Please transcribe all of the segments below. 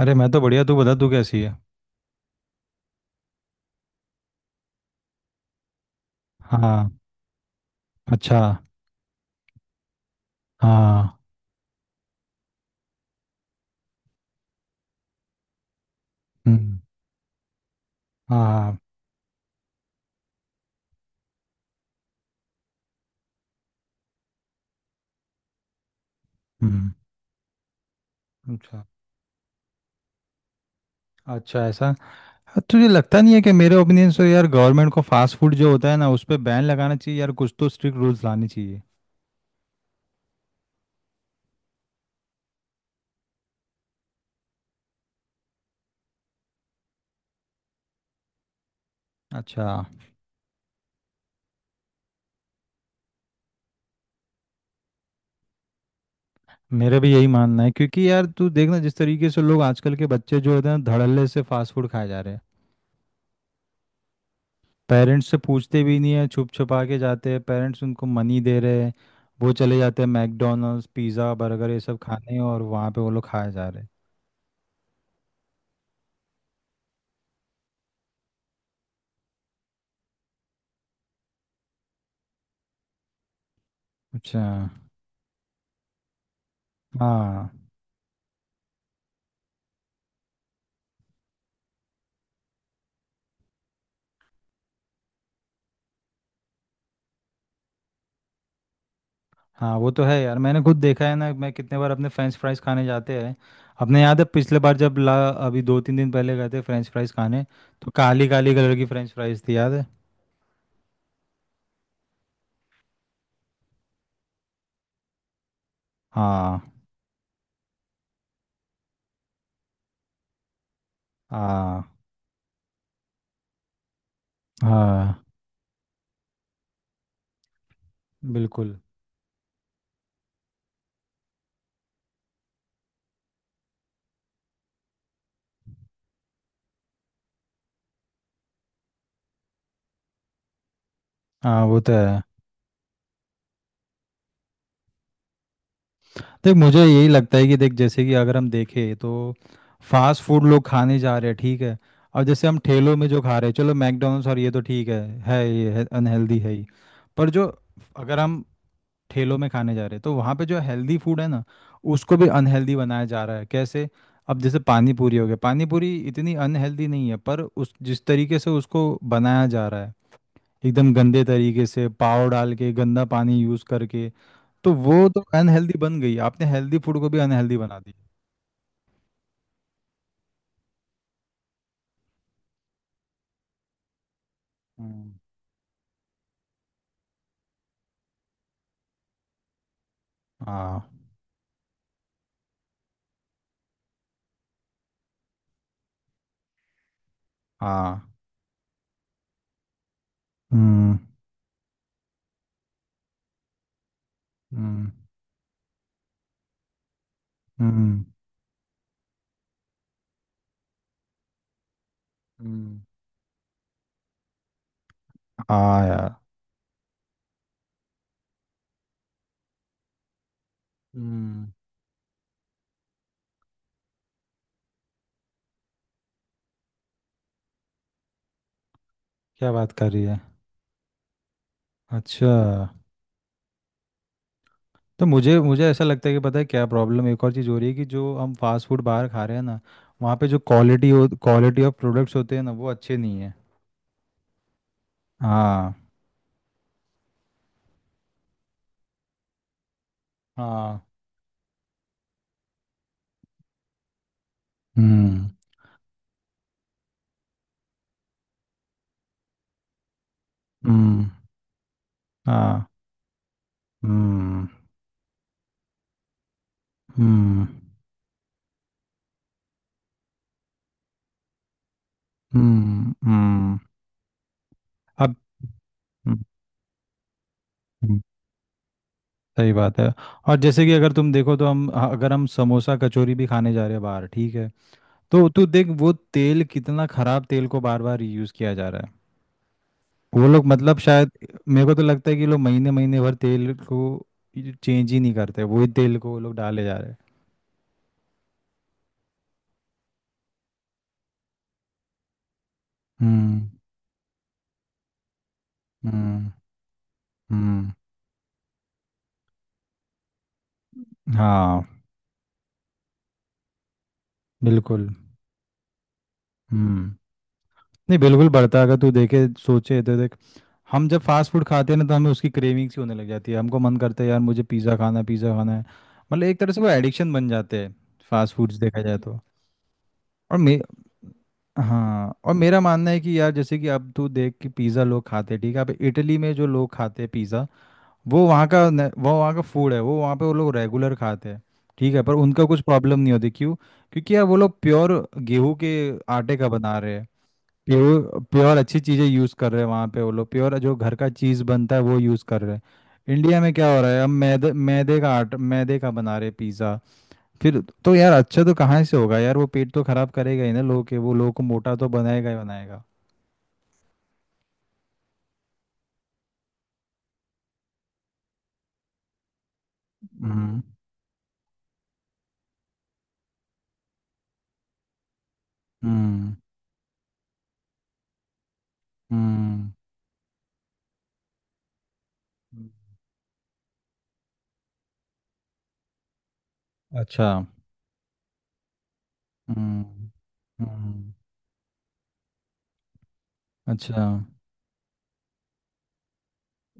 अरे मैं तो बढ़िया तू बता तू कैसी है। हाँ। अच्छा। हाँ। हम्म। हाँ हाँ। हम्म। अच्छा। अच्छा ऐसा। तुझे लगता नहीं है कि मेरे ओपिनियन से यार गवर्नमेंट को फास्ट फूड जो होता है ना उस पे बैन लगाना चाहिए यार कुछ तो स्ट्रिक्ट रूल्स लाने चाहिए। अच्छा। मेरा भी यही मानना है क्योंकि यार तू देखना जिस तरीके से लोग आजकल के बच्चे जो होते हैं ना धड़ल्ले से फास्ट फूड खाए जा रहे हैं। पेरेंट्स से पूछते भी नहीं है छुप छुपा के जाते हैं पेरेंट्स उनको मनी दे रहे हैं। वो चले जाते हैं मैकडोनल्ड्स पिज़्ज़ा बर्गर ये सब खाने और वहाँ पे वो लोग खाए जा रहे हैं। अच्छा। हाँ हाँ। वो तो है यार मैंने खुद देखा है ना मैं कितने बार अपने फ्रेंच फ्राइज खाने जाते हैं। अपने याद है पिछले बार जब ला अभी दो तीन दिन पहले गए थे फ्रेंच फ्राइज खाने। तो काली काली कलर की फ्रेंच फ्राइज थी याद है। हाँ। हाँ। हाँ। बिल्कुल। हाँ। वो तो है। देख मुझे यही लगता है कि देख जैसे कि अगर हम देखें तो फास्ट फूड लोग खाने जा रहे हैं ठीक है। और जैसे हम ठेलों में जो खा रहे हैं चलो मैकडोनल्ड्स और ये तो ठीक है ये अनहेल्दी है ही। पर जो अगर हम ठेलों में खाने जा रहे हैं तो वहाँ पे जो हेल्दी फूड है ना उसको भी अनहेल्दी बनाया जा रहा है कैसे। अब जैसे पानी पूरी हो गया पानी पूरी इतनी अनहेल्दी नहीं है पर उस जिस तरीके से उसको बनाया जा रहा है एकदम गंदे तरीके से पाव डाल के गंदा पानी यूज़ करके तो वो तो अनहेल्दी बन गई आपने हेल्दी फूड को भी अनहेल्दी बना दी। हम्म। हाँ हाँ। हम्म। हम्म। हम्म। हम्म। हाँ यार। हम्म। क्या बात कर रही है। अच्छा। तो मुझे मुझे ऐसा लगता है कि पता है क्या प्रॉब्लम एक और चीज़ हो रही है कि जो हम फास्ट फूड बाहर खा रहे हैं ना वहाँ पे जो क्वालिटी ऑफ प्रोडक्ट्स होते हैं ना वो अच्छे नहीं है। हाँ। हाँ। हम्म। हम्म। हाँ। हम्म। हम्म। हम्म। हम्म। अब। हम्म। हम्म। सही बात है। और जैसे कि अगर तुम देखो तो हम अगर हम समोसा कचौरी भी खाने जा रहे हैं बाहर ठीक है। तो तू देख वो तेल कितना खराब तेल को बार बार रीयूज किया जा रहा है। वो लोग मतलब शायद। मेरे को तो लगता है कि लोग महीने महीने भर तेल को चेंज ही नहीं करते वही तेल को वो लोग डाले जा रहे हैं। हम्म। हम्म। हम्म। हाँ। बिल्कुल। हम्म। नहीं बिल्कुल बढ़ता है अगर तू देखे सोचे तो देख। हम जब फास्ट फूड खाते हैं ना तो हमें उसकी क्रेविंग्स ही होने लग जाती है हमको मन करता है यार मुझे पिज़्ज़ा खाना है पिज़्ज़ा खाना है। मतलब एक तरह से वो एडिक्शन बन जाते हैं। फास्ट फूड्स देखा जाए तो। और मे हाँ और मेरा मानना है कि यार जैसे कि अब तू देख कि पिज़्ज़ा लोग खाते हैं ठीक है अब इटली में जो लोग खाते हैं पिज़्ज़ा। वो वहाँ का न- वो वहाँ का फूड है वो वहाँ पे वो लोग रेगुलर खाते हैं। ठीक है पर उनका कुछ प्रॉब्लम नहीं होती क्यों। क्योंकि यार वो लोग प्योर गेहूं के आटे का बना रहे हैं। प्योर प्योर अच्छी चीज़ें यूज़ कर रहे हैं वहाँ पे वो लोग प्योर जो घर का चीज़ बनता है वो यूज़ कर रहे हैं। इंडिया में क्या हो रहा है अब मैदे मैदे का आट मैदे का बना रहे पिज़्ज़ा। फिर तो यार अच्छा तो कहाँ से होगा यार वो पेट तो खराब करेगा ही ना लोगों के वो लोगों को मोटा तो बनाएगा ही बनाएगा। हम्म। हम्म। हम्म। हम्म। अच्छा। हम्म। हम्म। अच्छा।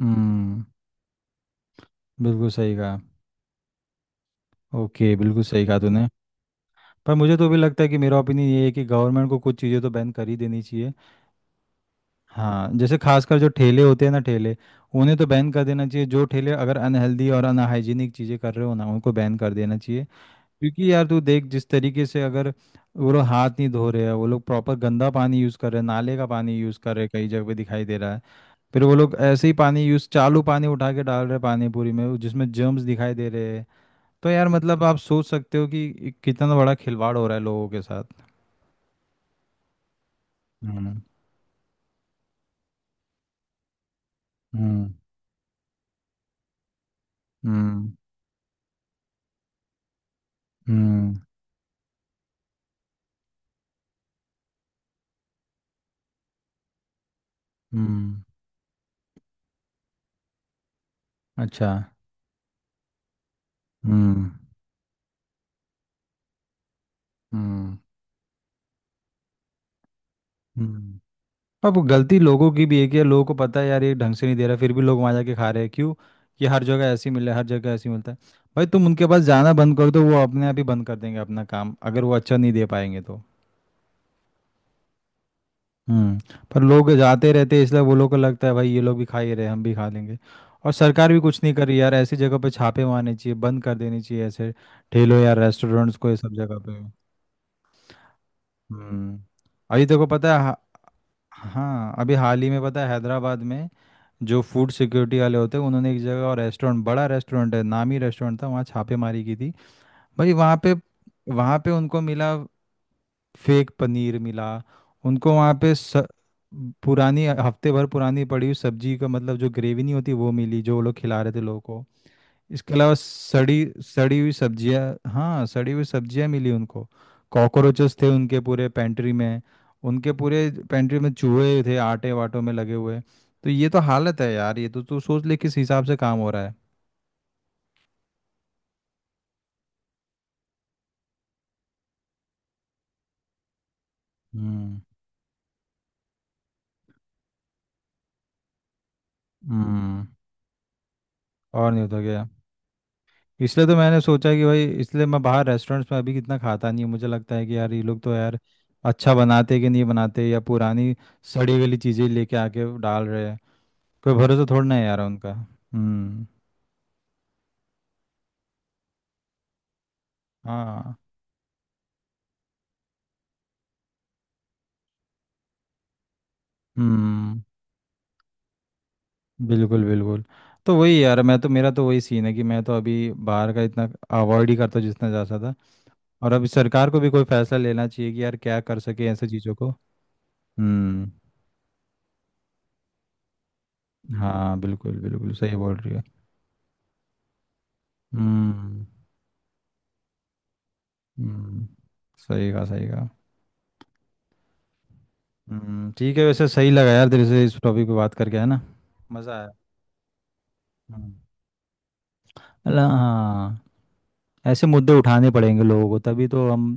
हम्म। बिल्कुल सही कहा। ओके बिल्कुल सही कहा तूने। पर मुझे तो भी लगता है कि मेरा ओपिनियन ये है कि गवर्नमेंट को कुछ चीज़ें तो बैन कर ही देनी चाहिए। हाँ जैसे खासकर जो ठेले होते हैं ना ठेले। उन्हें तो बैन कर देना चाहिए जो ठेले अगर अनहेल्दी और अनहाइजीनिक चीज़ें कर रहे हो ना उनको बैन कर देना चाहिए। क्योंकि यार तू देख जिस तरीके से अगर वो लोग हाथ नहीं धो रहे हैं वो लोग प्रॉपर गंदा पानी यूज़ कर रहे हैं नाले का पानी यूज़ कर रहे हैं कई जगह पे दिखाई दे रहा है। फिर वो लोग ऐसे ही पानी यूज़ चालू पानी उठा के डाल रहे हैं पानी पूरी में वो जिसमें जर्म्स दिखाई दे रहे हैं। तो यार मतलब आप सोच सकते हो कि कितना बड़ा खिलवाड़ हो रहा है लोगों के साथ। हम्म। हम्म। हम्म। हम्म। हम्म। अच्छा। हम्म। हम्म। हम्म। अब वो गलती लोगों की भी है कि यार लोगों को पता है यार ये ढंग से नहीं दे रहा फिर भी लोग वहाँ जाके खा रहे हैं क्यों। ये हर जगह ऐसे ही मिल रहा है हर जगह ऐसे ही मिलता है। भाई तुम उनके पास जाना बंद कर दो वो अपने आप ही बंद कर देंगे अपना काम अगर वो अच्छा नहीं दे पाएंगे तो। हम्म। पर लोग जाते रहते हैं इसलिए वो लोग को लगता है भाई ये लोग भी खा ही रहे हैं, हम भी खा लेंगे। और सरकार भी कुछ नहीं कर रही यार ऐसी जगह पे छापे मारने चाहिए बंद कर देने चाहिए ऐसे ठेलों या रेस्टोरेंट्स को ये सब जगह पे। हम्म। अभी देखो पता है। हाँ अभी हाल ही में पता है हैदराबाद में जो फूड सिक्योरिटी वाले होते हैं उन्होंने एक जगह और रेस्टोरेंट बड़ा रेस्टोरेंट है नामी रेस्टोरेंट था वहाँ छापेमारी की थी। भाई वहाँ पे उनको मिला। फेक पनीर मिला उनको वहाँ पे। पुरानी हफ्ते भर पुरानी पड़ी हुई सब्जी का मतलब जो ग्रेवी नहीं होती वो मिली जो वो लोग खिला रहे थे लोगों को। इसके अलावा सड़ी सड़ी हुई सब्जियां हाँ सड़ी हुई सब्जियां मिली उनको। कॉकरोचेस थे उनके पूरे पेंट्री में। उनके पूरे पेंट्री में चूहे थे आटे वाटों में लगे हुए तो ये तो हालत है यार ये तो तू सोच ले किस हिसाब से काम हो रहा है। हम्म। हम्म। और नहीं होता क्या। इसलिए तो मैंने सोचा कि भाई इसलिए मैं बाहर रेस्टोरेंट्स में अभी कितना खाता नहीं हूँ मुझे लगता है कि यार ये लोग तो यार अच्छा बनाते कि नहीं बनाते या पुरानी सड़ी गली चीज़ें लेके आके डाल रहे हैं। कोई भरोसा थोड़ा ना है यार उनका। हम्म। हाँ। हम्म। बिल्कुल बिल्कुल। तो वही यार मैं तो मेरा तो वही सीन है कि मैं तो अभी बाहर का इतना अवॉइड ही करता जितना जा सकता। और अब सरकार को भी कोई फैसला लेना चाहिए कि यार क्या कर सके ऐसी चीज़ों को। हम्म। हाँ बिल्कुल बिल्कुल सही बोल रही है। हम्म। हम्म। सही कहा सही कहा। हम्म। ठीक है वैसे सही लगा यार तेरे से इस टॉपिक पे बात करके है ना। मज़ा आया। हम्म। हाँ। ऐसे मुद्दे उठाने पड़ेंगे लोगों को तभी तो हम।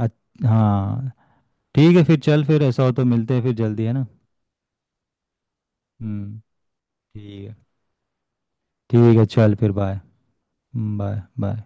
हाँ। ठीक है फिर चल फिर ऐसा हो तो मिलते हैं फिर जल्दी है ना। हम्म। ठीक है। ठीक है चल फिर बाय। Bye bye.